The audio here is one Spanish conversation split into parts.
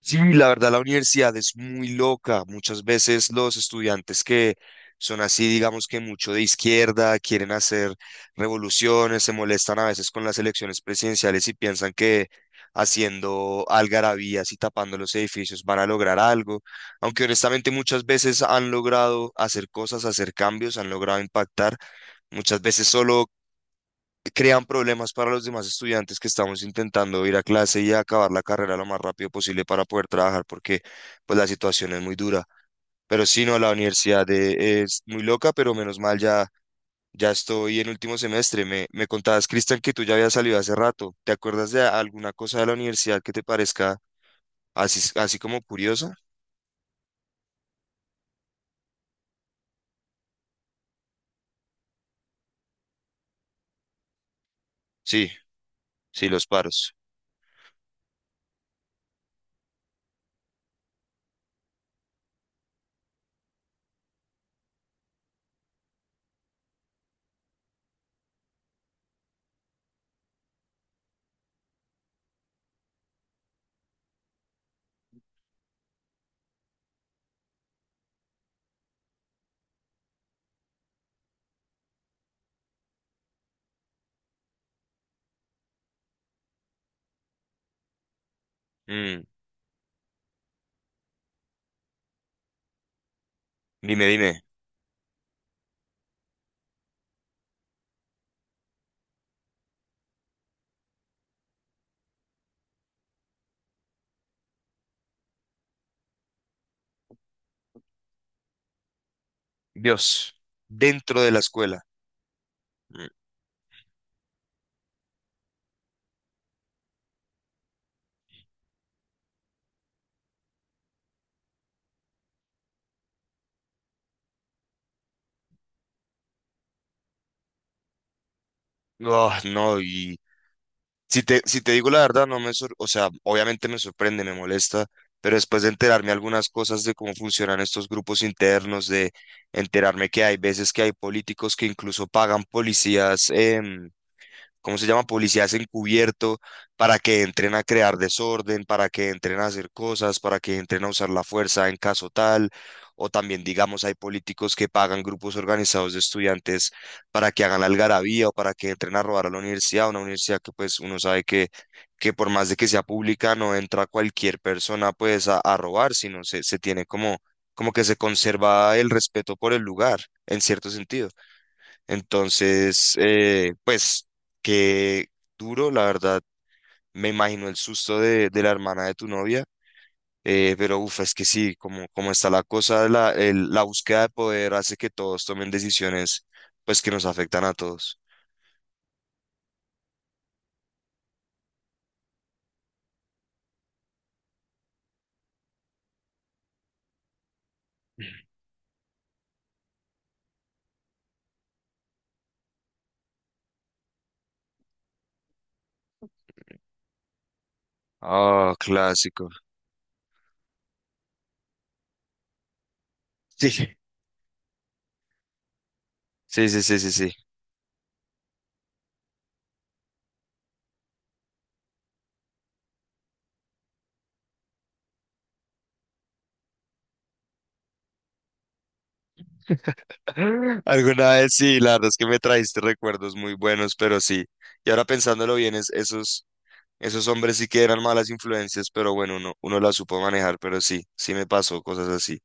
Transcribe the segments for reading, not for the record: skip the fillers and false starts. Sí, la verdad la universidad es muy loca. Muchas veces los estudiantes que son así, digamos que mucho de izquierda, quieren hacer revoluciones, se molestan a veces con las elecciones presidenciales y piensan que haciendo algarabías y tapando los edificios van a lograr algo. Aunque honestamente muchas veces han logrado hacer cosas, hacer cambios, han logrado impactar. Muchas veces solo crean problemas para los demás estudiantes que estamos intentando ir a clase y acabar la carrera lo más rápido posible para poder trabajar, porque pues la situación es muy dura. Pero sí, no, la universidad es muy loca, pero menos mal ya, ya estoy en último semestre. Me contabas, Cristian, que tú ya habías salido hace rato. ¿Te acuerdas de alguna cosa de la universidad que te parezca así, así como curiosa? Sí, sí, los paros. Mm, dime, dime. Dios, dentro de la escuela. Mm. Oh, no, y... Si te digo la verdad, no me sor- o sea, obviamente me sorprende, me molesta, pero después de enterarme algunas cosas de cómo funcionan estos grupos internos, de enterarme que hay veces que hay políticos que incluso pagan policías, ¿cómo se llama? Policías encubierto para que entren a crear desorden, para que entren a hacer cosas, para que entren a usar la fuerza en caso tal. O también, digamos, hay políticos que pagan grupos organizados de estudiantes para que hagan algarabía o para que entren a robar a la universidad, una universidad que pues uno sabe que, por más de que sea pública no entra cualquier persona pues a, robar, sino se, tiene como que se conserva el respeto por el lugar, en cierto sentido. Entonces, pues, qué duro, la verdad, me imagino el susto de la hermana de tu novia, pero uff, es que sí, como, como está la cosa, la búsqueda de poder hace que todos tomen decisiones, pues, que nos afectan a todos. Ah, clásico. Sí, sí, sí, sí, sí, sí. Alguna vez sí, la verdad es que me trajiste recuerdos muy buenos, pero sí. Y ahora pensándolo bien, es, esos... Esos hombres sí que eran malas influencias, pero bueno, uno las supo manejar, pero sí, sí me pasó cosas así.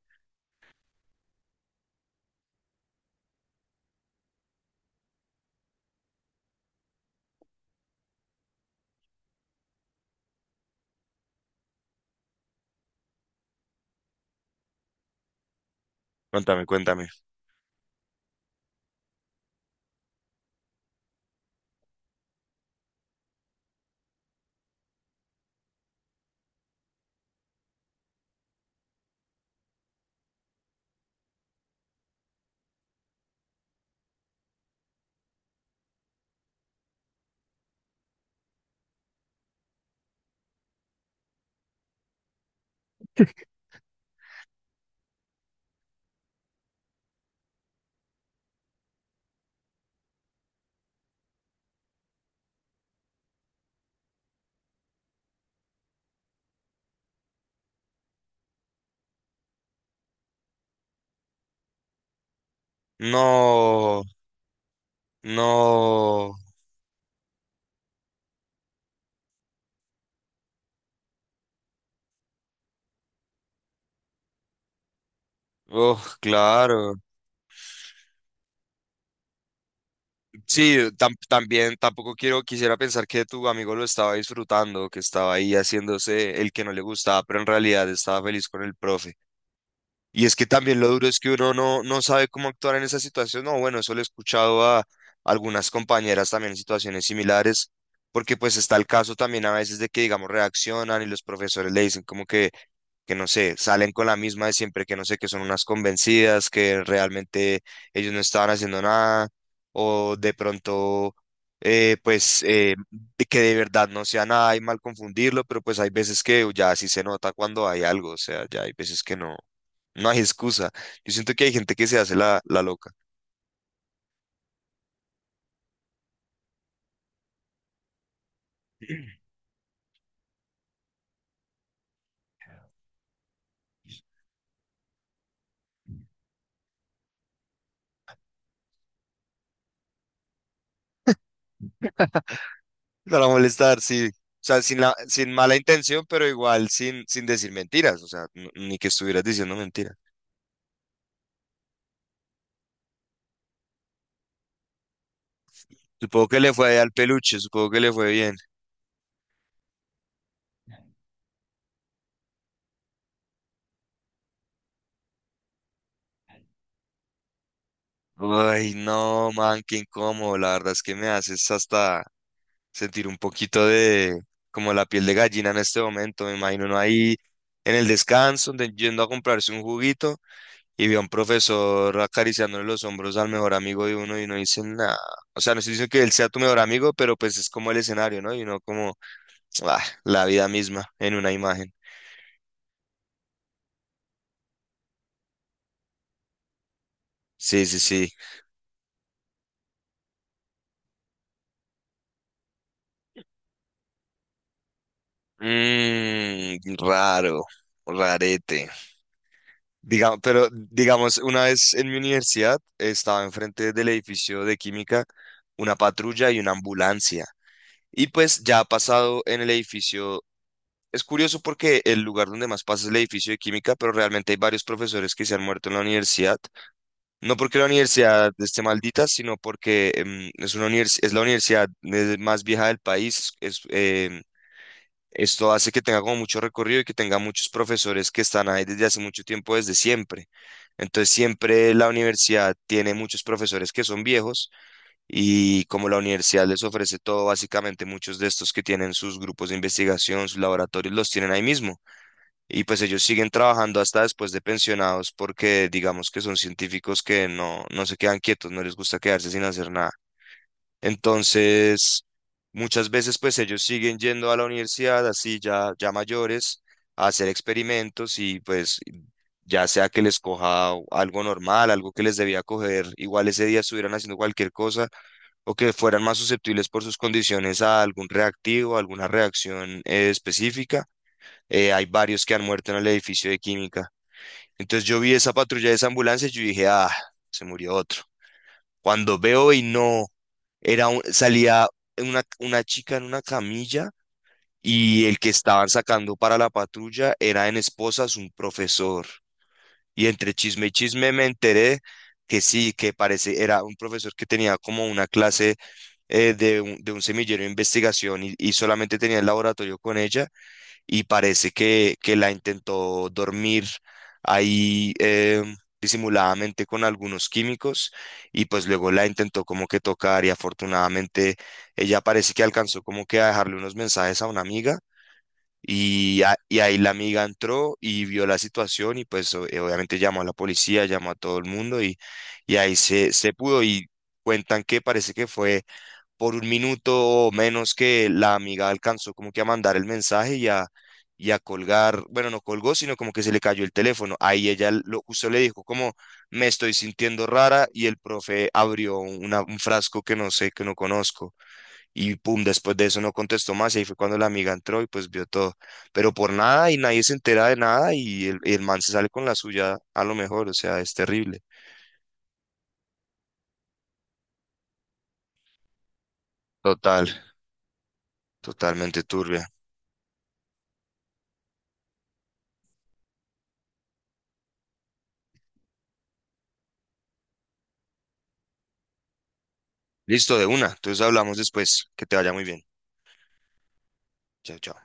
Cuéntame, cuéntame. No, no. Oh, claro. Sí, también tampoco quisiera pensar que tu amigo lo estaba disfrutando, que estaba ahí haciéndose el que no le gustaba, pero en realidad estaba feliz con el profe. Y es que también lo duro es que uno no sabe cómo actuar en esa situación. No, bueno, eso lo he escuchado a algunas compañeras también en situaciones similares, porque pues está el caso también a veces de que, digamos, reaccionan y los profesores le dicen como que no sé, salen con la misma de siempre, que no sé, que son unas convencidas, que realmente ellos no estaban haciendo nada, o de pronto, pues, de que de verdad no sea nada y mal confundirlo, pero pues hay veces que ya sí se nota cuando hay algo, o sea, ya hay veces que no, no hay excusa. Yo siento que hay gente que se hace la loca. Para molestar, sí. O sea, sin mala intención, pero igual sin decir mentiras, o sea, ni que estuvieras diciendo mentiras. Supongo que le fue al peluche, supongo que le fue bien. Ay, no, man, qué incómodo. La verdad es que me haces hasta sentir un poquito de como la piel de gallina en este momento. Me imagino uno ahí en el descanso, yendo a comprarse un juguito y ve a un profesor acariciándole los hombros al mejor amigo de uno y no dice nada. O sea, no estoy diciendo que él sea tu mejor amigo, pero pues es como el escenario, ¿no? Y uno como... ah, la vida misma en una imagen. Sí, sí, sí. Mmm, raro, rarete. Pero digamos, una vez en mi universidad estaba enfrente del edificio de química una patrulla y una ambulancia. Y pues ya ha pasado en el edificio. Es curioso porque el lugar donde más pasa es el edificio de química, pero realmente hay varios profesores que se han muerto en la universidad. No porque la universidad esté maldita, sino porque es una es la universidad más vieja del país. Esto hace que tenga como mucho recorrido y que tenga muchos profesores que están ahí desde hace mucho tiempo, desde siempre. Entonces siempre la universidad tiene muchos profesores que son viejos y como la universidad les ofrece todo, básicamente muchos de estos que tienen sus grupos de investigación, sus laboratorios, los tienen ahí mismo. Y pues ellos siguen trabajando hasta después de pensionados porque digamos que son científicos que no, se quedan quietos, no les gusta quedarse sin hacer nada. Entonces, muchas veces pues ellos siguen yendo a la universidad así ya, ya mayores a hacer experimentos y pues ya sea que les coja algo normal, algo que les debía coger, igual ese día estuvieran haciendo cualquier cosa o que fueran más susceptibles por sus condiciones a algún reactivo, a alguna reacción específica. Hay varios que han muerto en el edificio de química. Entonces yo vi esa patrulla de esa ambulancia y yo dije, ah, se murió otro. Cuando veo y no, salía una, chica en una camilla y el que estaban sacando para la patrulla era en esposas un profesor. Y entre chisme y chisme me enteré que sí, que parece, era un profesor que tenía como una clase de un, semillero de investigación y solamente tenía el laboratorio con ella y parece que la intentó dormir ahí disimuladamente con algunos químicos y pues luego la intentó como que tocar y afortunadamente ella parece que alcanzó como que a dejarle unos mensajes a una amiga. Y ahí la amiga entró y vio la situación y pues obviamente llamó a la policía, llamó a todo el mundo y ahí se, pudo y cuentan que parece que fue por un minuto o menos que la amiga alcanzó como que a mandar el mensaje y a colgar, bueno, no colgó, sino como que se le cayó el teléfono. Ahí ella lo, justo le dijo como, me estoy sintiendo rara y el profe abrió un frasco que no sé, que no conozco. Y pum, después de eso no contestó más y ahí fue cuando la amiga entró y pues vio todo. Pero por nada y nadie se entera de nada y el, man se sale con la suya a lo mejor, o sea, es terrible. Total, totalmente turbia. Listo, de una. Entonces hablamos después. Que te vaya muy bien. Chao, chao.